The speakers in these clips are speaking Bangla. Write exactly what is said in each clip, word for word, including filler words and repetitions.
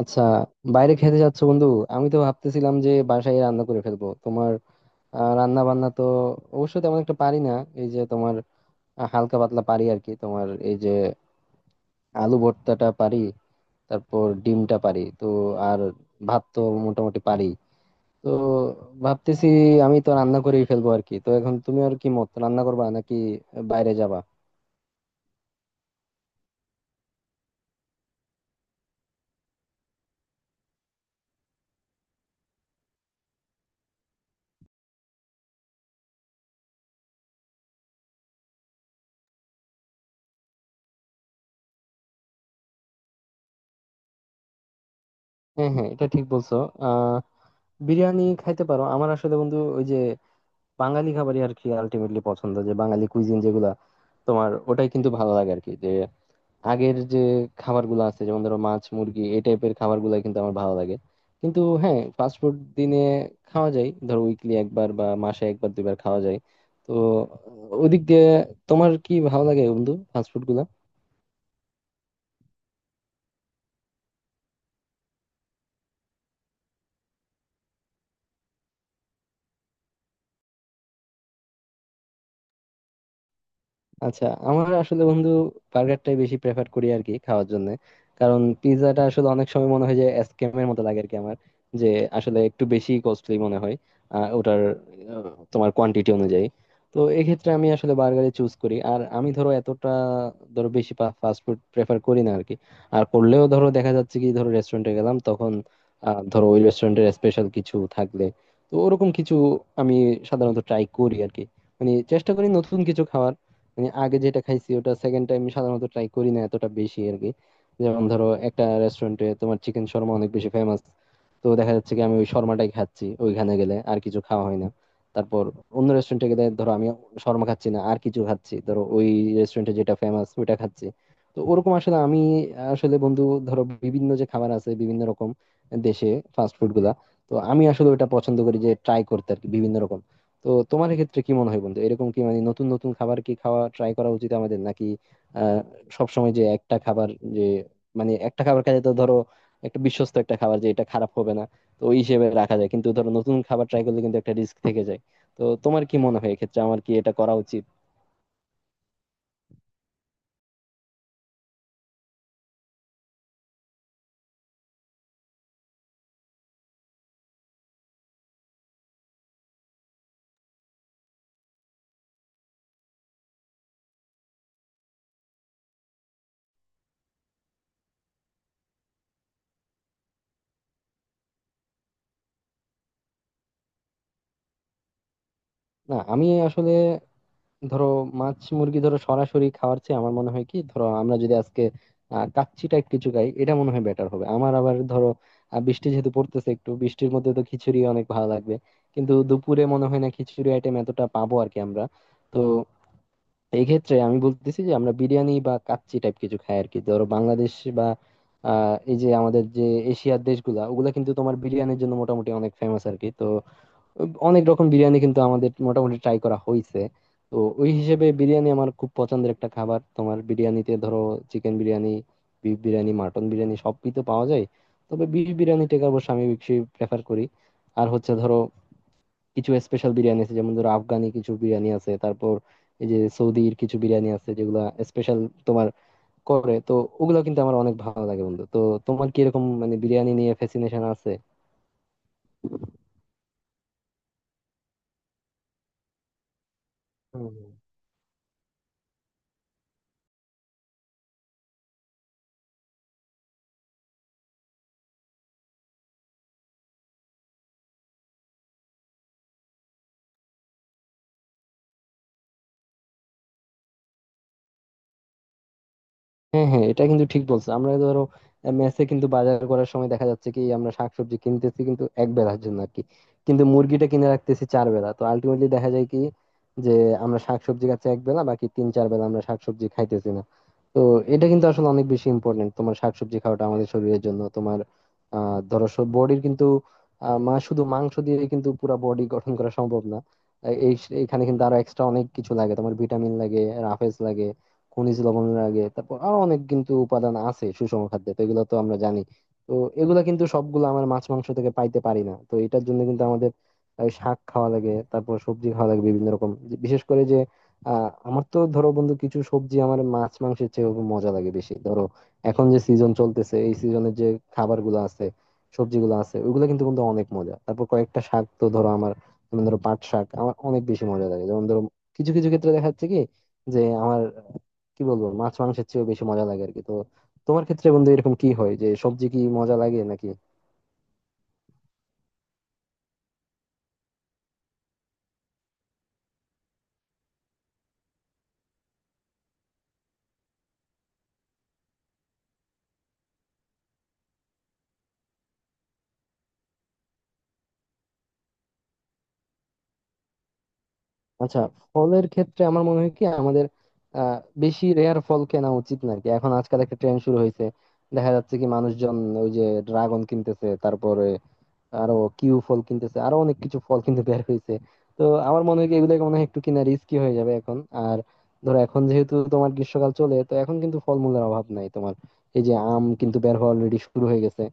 আচ্ছা, বাইরে খেতে যাচ্ছ বন্ধু? আমি তো ভাবতেছিলাম যে বাসায় রান্না করে ফেলবো তোমার। আহ, রান্না বান্না তো অবশ্য তেমন একটা পারি না। এই যে তোমার আহ, হালকা পাতলা পারি আর কি। তোমার এই যে আলু ভর্তাটা পারি, তারপর ডিমটা পারি তো, আর ভাত তো মোটামুটি পারি। তো ভাবতেছি আমি তো রান্না করেই ফেলবো আর কি। তো এখন তুমি আর কি মত রান্না করবা নাকি বাইরে যাবা? হ্যাঁ হ্যাঁ, এটা ঠিক বলছো। আহ বিরিয়ানি খাইতে পারো। আমার আসলে বন্ধু ওই যে বাঙালি খাবারই আর কি আলটিমেটলি পছন্দ, যে বাঙালি কুইজিন যেগুলা তোমার ওটাই কিন্তু ভালো লাগে আর কি। যে আগের যে খাবারগুলো আছে যেমন ধরো মাছ মুরগি এই টাইপের খাবারগুলো কিন্তু আমার ভালো লাগে। কিন্তু হ্যাঁ, ফাস্ট ফুড দিনে খাওয়া যায়, ধরো উইকলি একবার বা মাসে একবার দুইবার খাওয়া যায়। তো ওদিক দিয়ে তোমার কি ভালো লাগে বন্ধু ফাস্ট ফুড? আচ্ছা, আমার আসলে বন্ধু বার্গারটাই বেশি প্রেফার করি আর কি খাওয়ার জন্য। কারণ পিৎজাটা আসলে অনেক সময় মনে হয় যে স্ক্যামের মতো লাগে আর কি আমার। যে আসলে একটু বেশি কস্টলি মনে হয়, আহ, ওটার আহ, তোমার কোয়ান্টিটি অনুযায়ী। তো এক্ষেত্রে আমি আসলে বার্গারে চুজ করি। আর আমি ধরো এতটা ধরো বেশি ফাস্ট ফুড প্রেফার করি না আর কি। আর করলেও ধরো দেখা যাচ্ছে কি ধরো রেস্টুরেন্টে গেলাম তখন, আহ, ধরো ওই রেস্টুরেন্টের স্পেশাল কিছু থাকলে তো ওরকম কিছু আমি সাধারণত ট্রাই করি আর কি। মানে চেষ্টা করি নতুন কিছু খাওয়ার। মানে আগে যেটা খাইছি ওটা সেকেন্ড টাইম সাধারণত ট্রাই করি না এতটা বেশি আর কি। যেমন ধরো একটা রেস্টুরেন্টে তোমার চিকেন শর্মা অনেক বেশি ফেমাস, তো দেখা যাচ্ছে কি আমি ওই শর্মাটাই খাচ্ছি ওইখানে গেলে, আর কিছু খাওয়া হয় না। তারপর অন্য রেস্টুরেন্টে গেলে ধরো আমি শর্মা খাচ্ছি না আর কিছু খাচ্ছি, ধরো ওই রেস্টুরেন্টে যেটা ফেমাস ওইটা খাচ্ছি। তো ওরকম আসলে আমি আসলে বন্ধু ধরো বিভিন্ন যে খাবার আছে বিভিন্ন রকম দেশে ফাস্ট ফুড গুলা, তো আমি আসলে ওটা পছন্দ করি যে ট্রাই করতে আর কি বিভিন্ন রকম। তো তোমার ক্ষেত্রে কি মনে হয় বন্ধু, এরকম কি মানে নতুন নতুন খাবার কি খাওয়া ট্রাই করা উচিত আমাদের নাকি আহ সবসময় যে একটা খাবার, যে মানে একটা খাবার খেলে তো ধরো একটা বিশ্বস্ত একটা খাবার যে এটা খারাপ হবে না তো ওই হিসেবে রাখা যায়। কিন্তু ধরো নতুন খাবার ট্রাই করলে কিন্তু একটা রিস্ক থেকে যায়। তো তোমার কি মনে হয় এক্ষেত্রে আমার কি এটা করা উচিত? না আমি আসলে ধরো মাছ মুরগি ধরো সরাসরি খাওয়ার চেয়ে আমার মনে হয় কি ধরো আমরা যদি আজকে আহ, কাচ্চি টাইপ কিছু খাই এটা মনে হয় বেটার হবে আমার। আবার ধরো আহ, বৃষ্টি যেহেতু পড়তেছে একটু বৃষ্টির মধ্যে তো খিচুড়ি অনেক ভালো লাগবে। কিন্তু দুপুরে মনে হয় না খিচুড়ি আইটেম এতটা পাবো আর কি আমরা। তো এই ক্ষেত্রে আমি বলতেছি যে আমরা বিরিয়ানি বা কাচ্চি টাইপ কিছু খাই আর কি। ধরো বাংলাদেশ বা আহ এই যে আমাদের যে এশিয়ার দেশগুলা ওগুলা কিন্তু তোমার বিরিয়ানির জন্য মোটামুটি অনেক ফেমাস আর কি। তো অনেক রকম বিরিয়ানি কিন্তু আমাদের মোটামুটি ট্রাই করা হয়েছে। তো ওই হিসেবে বিরিয়ানি আমার খুব পছন্দের একটা খাবার। তোমার বিরিয়ানিতে ধরো chicken biryani, beef biryani, mutton biryani সবই তো পাওয়া যায়। তবে বিফ বিরিয়ানিটাকে অবশ্য আমি বেশি প্রেফার করি। আর হচ্ছে ধরো কিছু স্পেশাল বিরিয়ানি আছে, যেমন ধরো আফগানি কিছু বিরিয়ানি আছে, তারপর এই যে সৌদির কিছু বিরিয়ানি আছে যেগুলা স্পেশাল তোমার করে, তো ওগুলো কিন্তু আমার অনেক ভালো লাগে বন্ধু। তো তোমার কি এরকম মানে বিরিয়ানি নিয়ে ফ্যাসিনেশন আছে? হুম। হ্যাঁ হ্যাঁ, এটা কিন্তু ঠিক বলছো। আমরা ধরো আহ, মেসে কিন্তু বাজার করার সময় দেখা যাচ্ছে কি আমরা শাকসবজি কিনতেছি কিন্তু এক বেলার জন্য আর কি। কিন্তু মুরগিটা কিনে রাখতেছি চার বেলা, তো আলটিমেটলি দেখা যায় কি যে আমরা শাকসবজি খাচ্ছি এক বেলা, বাকি তিন চার বেলা আমরা শাকসবজি খাইতেছি না। তো এটা কিন্তু আসলে অনেক বেশি ইম্পর্টেন্ট তোমার শাকসবজি খাওয়াটা আমাদের শরীরের জন্য। তোমার আহ ধরো বডির কিন্তু আহ মা শুধু মাংস দিয়ে কিন্তু পুরো বডি গঠন করা সম্ভব না। আহ, এই এখানে কিন্তু আরো এক্সট্রা অনেক কিছু লাগে, তোমার ভিটামিন লাগে, রাফেজ লাগে, খনিজ লবণের আগে, তারপর আরো অনেক কিন্তু উপাদান আছে সুষম খাদ্যে, তো এগুলো তো আমরা জানি। তো এগুলা কিন্তু সবগুলো আমরা মাছ মাংস থেকে পাইতে পারি না, তো এটার জন্য কিন্তু আমাদের এই শাক খাওয়া লাগে, তারপর সবজি খাওয়া লাগে বিভিন্ন রকম। যে- বিশেষ করে যে আহ আমার তো ধরো বন্ধু কিছু সবজি আমার মাছ মাংসের চেয়ে মজা লাগে বেশি। ধরো এখন যে সিজন চলতেছে এই সিজনের যে খাবার গুলো আছে সবজিগুলো আছে ওইগুলো কিন্তু কিন্তু অনেক মজা। তারপর কয়েকটা শাক তো ধরো আমার, যেমন ধরো পাট শাক আমার অনেক বেশি মজা লাগে। যেমন ধরো কিছু কিছু ক্ষেত্রে দেখা যাচ্ছে কি যে আমার কি বলবো মাছ মাংসের চেয়েও বেশি মজা লাগে আর কি। তো তোমার ক্ষেত্রে বন্ধু এরকম কি হয় যে সবজি কি মজা লাগে নাকি? আচ্ছা, ফলের ক্ষেত্রে আমার মনে হয় কি আমাদের আহ বেশি রেয়ার ফল কেনা উচিত না আর কি। এখন আজকাল একটা ট্রেন্ড শুরু হয়েছে, দেখা যাচ্ছে কি মানুষজন ওই যে ড্রাগন কিনতেছে, তারপরে আরো কিউ ফল কিনতেছে, আরো অনেক কিছু ফল কিন্তু বের হয়েছে। তো আমার মনে হয় কি এগুলো মনে হয় একটু কিনা রিস্কি হয়ে যাবে এখন। আর ধরো এখন যেহেতু তোমার গ্রীষ্মকাল চলে, তো এখন কিন্তু ফলমূলের অভাব নাই তোমার। এই যে আম কিন্তু বের হওয়া অলরেডি শুরু হয়ে গেছে।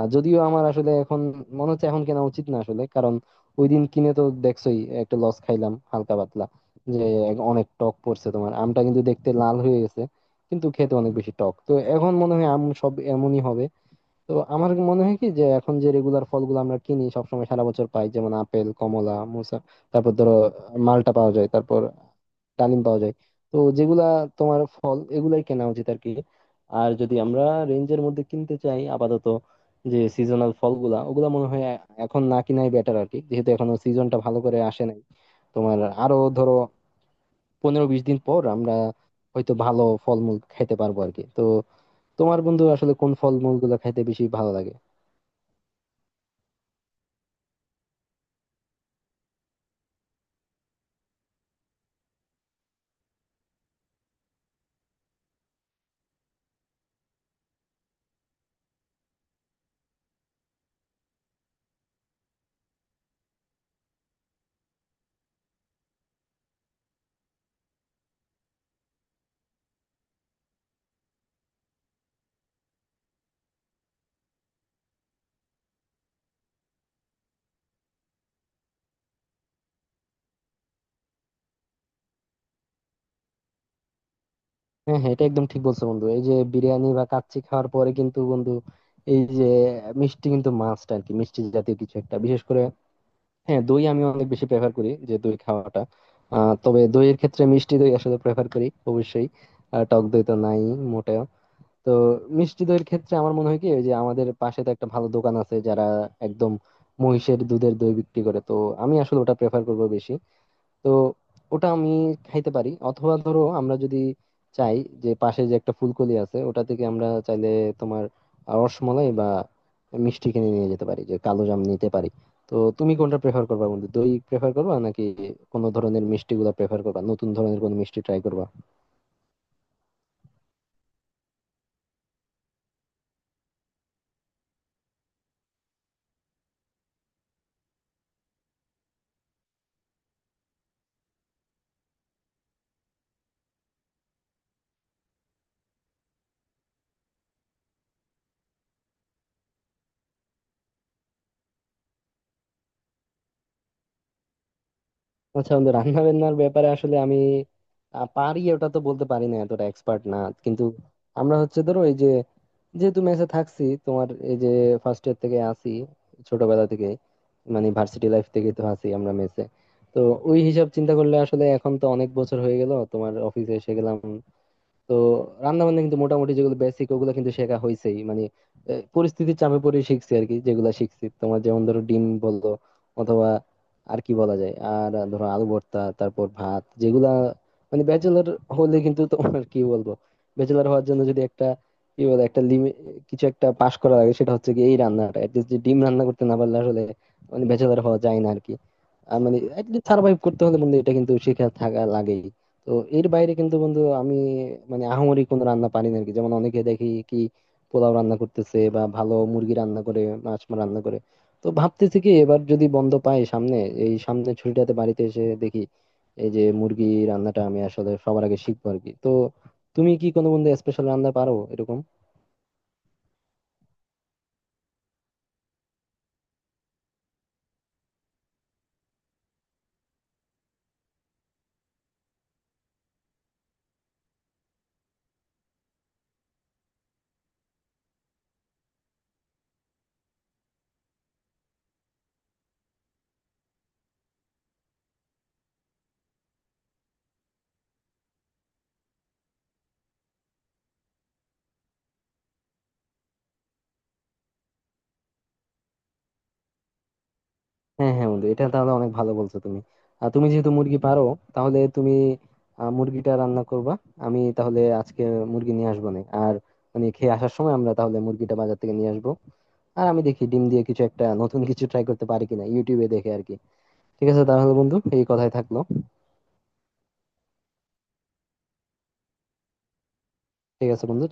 আর যদিও আমার আসলে এখন মনে হচ্ছে এখন কেনা উচিত না আসলে, কারণ ওই দিন কিনে তো দেখছোই একটা লস খাইলাম হালকা পাতলা। যে এক- অনেক টক পড়ছে তোমার, আমটা কিন্তু দেখতে লাল হয়ে গেছে কিন্তু খেতে অনেক বেশি টক। তো এখন মনে হয় আম সব এমনই হবে। তো আমার মনে হয় কি যে এখন যে রেগুলার ফলগুলো আমরা কিনি সবসময় সারা বছর পাই, যেমন আপেল কমলা মুসা, তারপর ধরো মালটা পাওয়া যায়, তারপর ডালিম পাওয়া যায়। তো যেগুলা তোমার ফল এগুলাই কেনা উচিত আর কি। আর যদি আমরা রেঞ্জের মধ্যে কিনতে চাই আপাতত, যে সিজনাল ফলগুলা ওগুলা মনে হয় এ- এখন না কিনাই বেটার আর কি, যেহেতু এখনো সিজনটা ভালো করে আসে নাই। তোমার আরো ধরো পনেরো বিশ দিন পর আমরা হয়তো ভালো ফলমূল খাইতে পারবো আর কি। তো তোমার বন্ধু আসলে কোন ফলমূল গুলো খাইতে বেশি ভালো লাগে? হ্যাঁ হ্যাঁ, এটা একদম ঠিক বলছো বন্ধু। এই যে বিরিয়ানি বা কাচ্চি খাওয়ার পরে কিন্তু বন্ধু এই যে মিষ্টি কিন্তু মাস্ট আর কি, মিষ্টি জাতীয় কিছু একটা বিশেষ করে। হ্যাঁ, দই আমি অনেক বেশি প্রেফার করি যে দই খাওয়াটা। আহ তবে দইয়ের ক্ষেত্রে মিষ্টি দই আসলে প্রেফার করি অবশ্যই। আহ, টক দই তো নাই মোটেও। তো মিষ্টি দইয়ের ক্ষেত্রে আমার মনে হয় কি, ওই যে আমাদের পাশে তো একটা ভালো দোকান আছে যারা একদম মহিষের দুধের দই বিক্রি করে, তো আমি আসলে ওটা প্রেফার করবো বেশি। তো ওটা আমি খাইতে পারি, অথবা ধরো আমরা যদি চাই, যে পাশে যে একটা ফুলকলি আছে ওটা থেকে আমরা চাইলে তোমার রসমলাই বা মিষ্টি কিনে নিয়ে যেতে পারি, যে কালো জাম নিতে পারি। তো তুমি কোনটা প্রেফার করবা বন্ধু, দই প্রেফার করবা নাকি কোনো ধরনের মিষ্টি গুলা প্রেফার করবা, নতুন ধরনের কোনো মিষ্টি ট্রাই করবা? আচ্ছা বন্ধু, রান্না বান্নার ব্যাপারে আসলে আমি আহ, পারি ওটা তো বলতে পারি না, এতটা এক্সপার্ট না। কিন্তু আমরা হচ্ছে ধরো এই যে যেহেতু মেসে থাকছি, তোমার এই যে ফার্স্ট ইয়ার থেকে আসি, ছোটবেলা থেকে, মানে ভার্সিটি লাইফ থেকে তো আছি আমরা মেসে। তো ওই হিসাব চিন্তা করলে আসলে এখন তো অনেক বছর হয়ে গেল, তোমার অফিসে এসে গেলাম। তো রান্না বান্না কিন্তু মোটামুটি যেগুলো বেসিক ওগুলো কিন্তু শেখা হয়েছেই, মানে আহ, পরিস্থিতির চাপে পড়ে শিখছি আর কি। যেগুলো শিখছি তোমার যেমন ধরো ডিম বললো অথবা আর কি বলা যায়, আর ধরো আলু ভর্তা তারপর ভাত যেগুলা, মানে ব্যাচেলর হলে কিন্তু তোমার কি বলবো, ব্যাচেলর হওয়ার জন্য যদি একটা কি বলে একটা লিমিট কিছু একটা পাস করা লাগে, সেটা হচ্ছে কি এই রান্নাটা অ্যাটলিস্ট, যে ডিম রান্না করতে না পারলে আসলে মানে ব্যাচেলর হওয়া যায় না আর কি। আর মানে সার্ভাইভ করতে হলে বন্ধু এটা কিন্তু শিখে থাকা লাগে। তো এর বাইরে কিন্তু বন্ধু আমি মানে আহামরি কোনো রান্না পারি না আরকি। যেমন অনেকে দেখি কি পোলাও রান্না করতেছে বা ভালো মুরগি রান্না করে মাছ রান্না করে। তো ভাবতেছি কি এবার যদি বন্ধ পাই সামনে, এই সামনে ছুটিটাতে বাড়িতে এসে দেখি এই যে মুরগি রান্নাটা আমি আসলে সবার আগে শিখবো আরকি। তো তুমি কি কোনো বন্ধু স্পেশাল রান্না পারো এরকম? হ্যাঁ হ্যাঁ বন্ধু, এটা তাহলে অনেক ভালো বলছো তুমি। আর তুমি যেহেতু মুরগি পারো তাহলে তুমি আহ, মুরগিটা রান্না করবা। আমি তাহলে আজকে মুরগি নিয়ে আসবো না। আর মানে খেয়ে আসার সময় আমরা তাহলে মুরগিটা বাজার থেকে নিয়ে আসবো। আর আমি দেখি ডিম দিয়ে কিছু একটা নতুন কিছু ট্রাই করতে পারি কিনা ইউটিউবে দেখে আর কি। ঠিক আছে তাহলে বন্ধু, এই কথাই থাকলো। ঠিক আছে বন্ধু।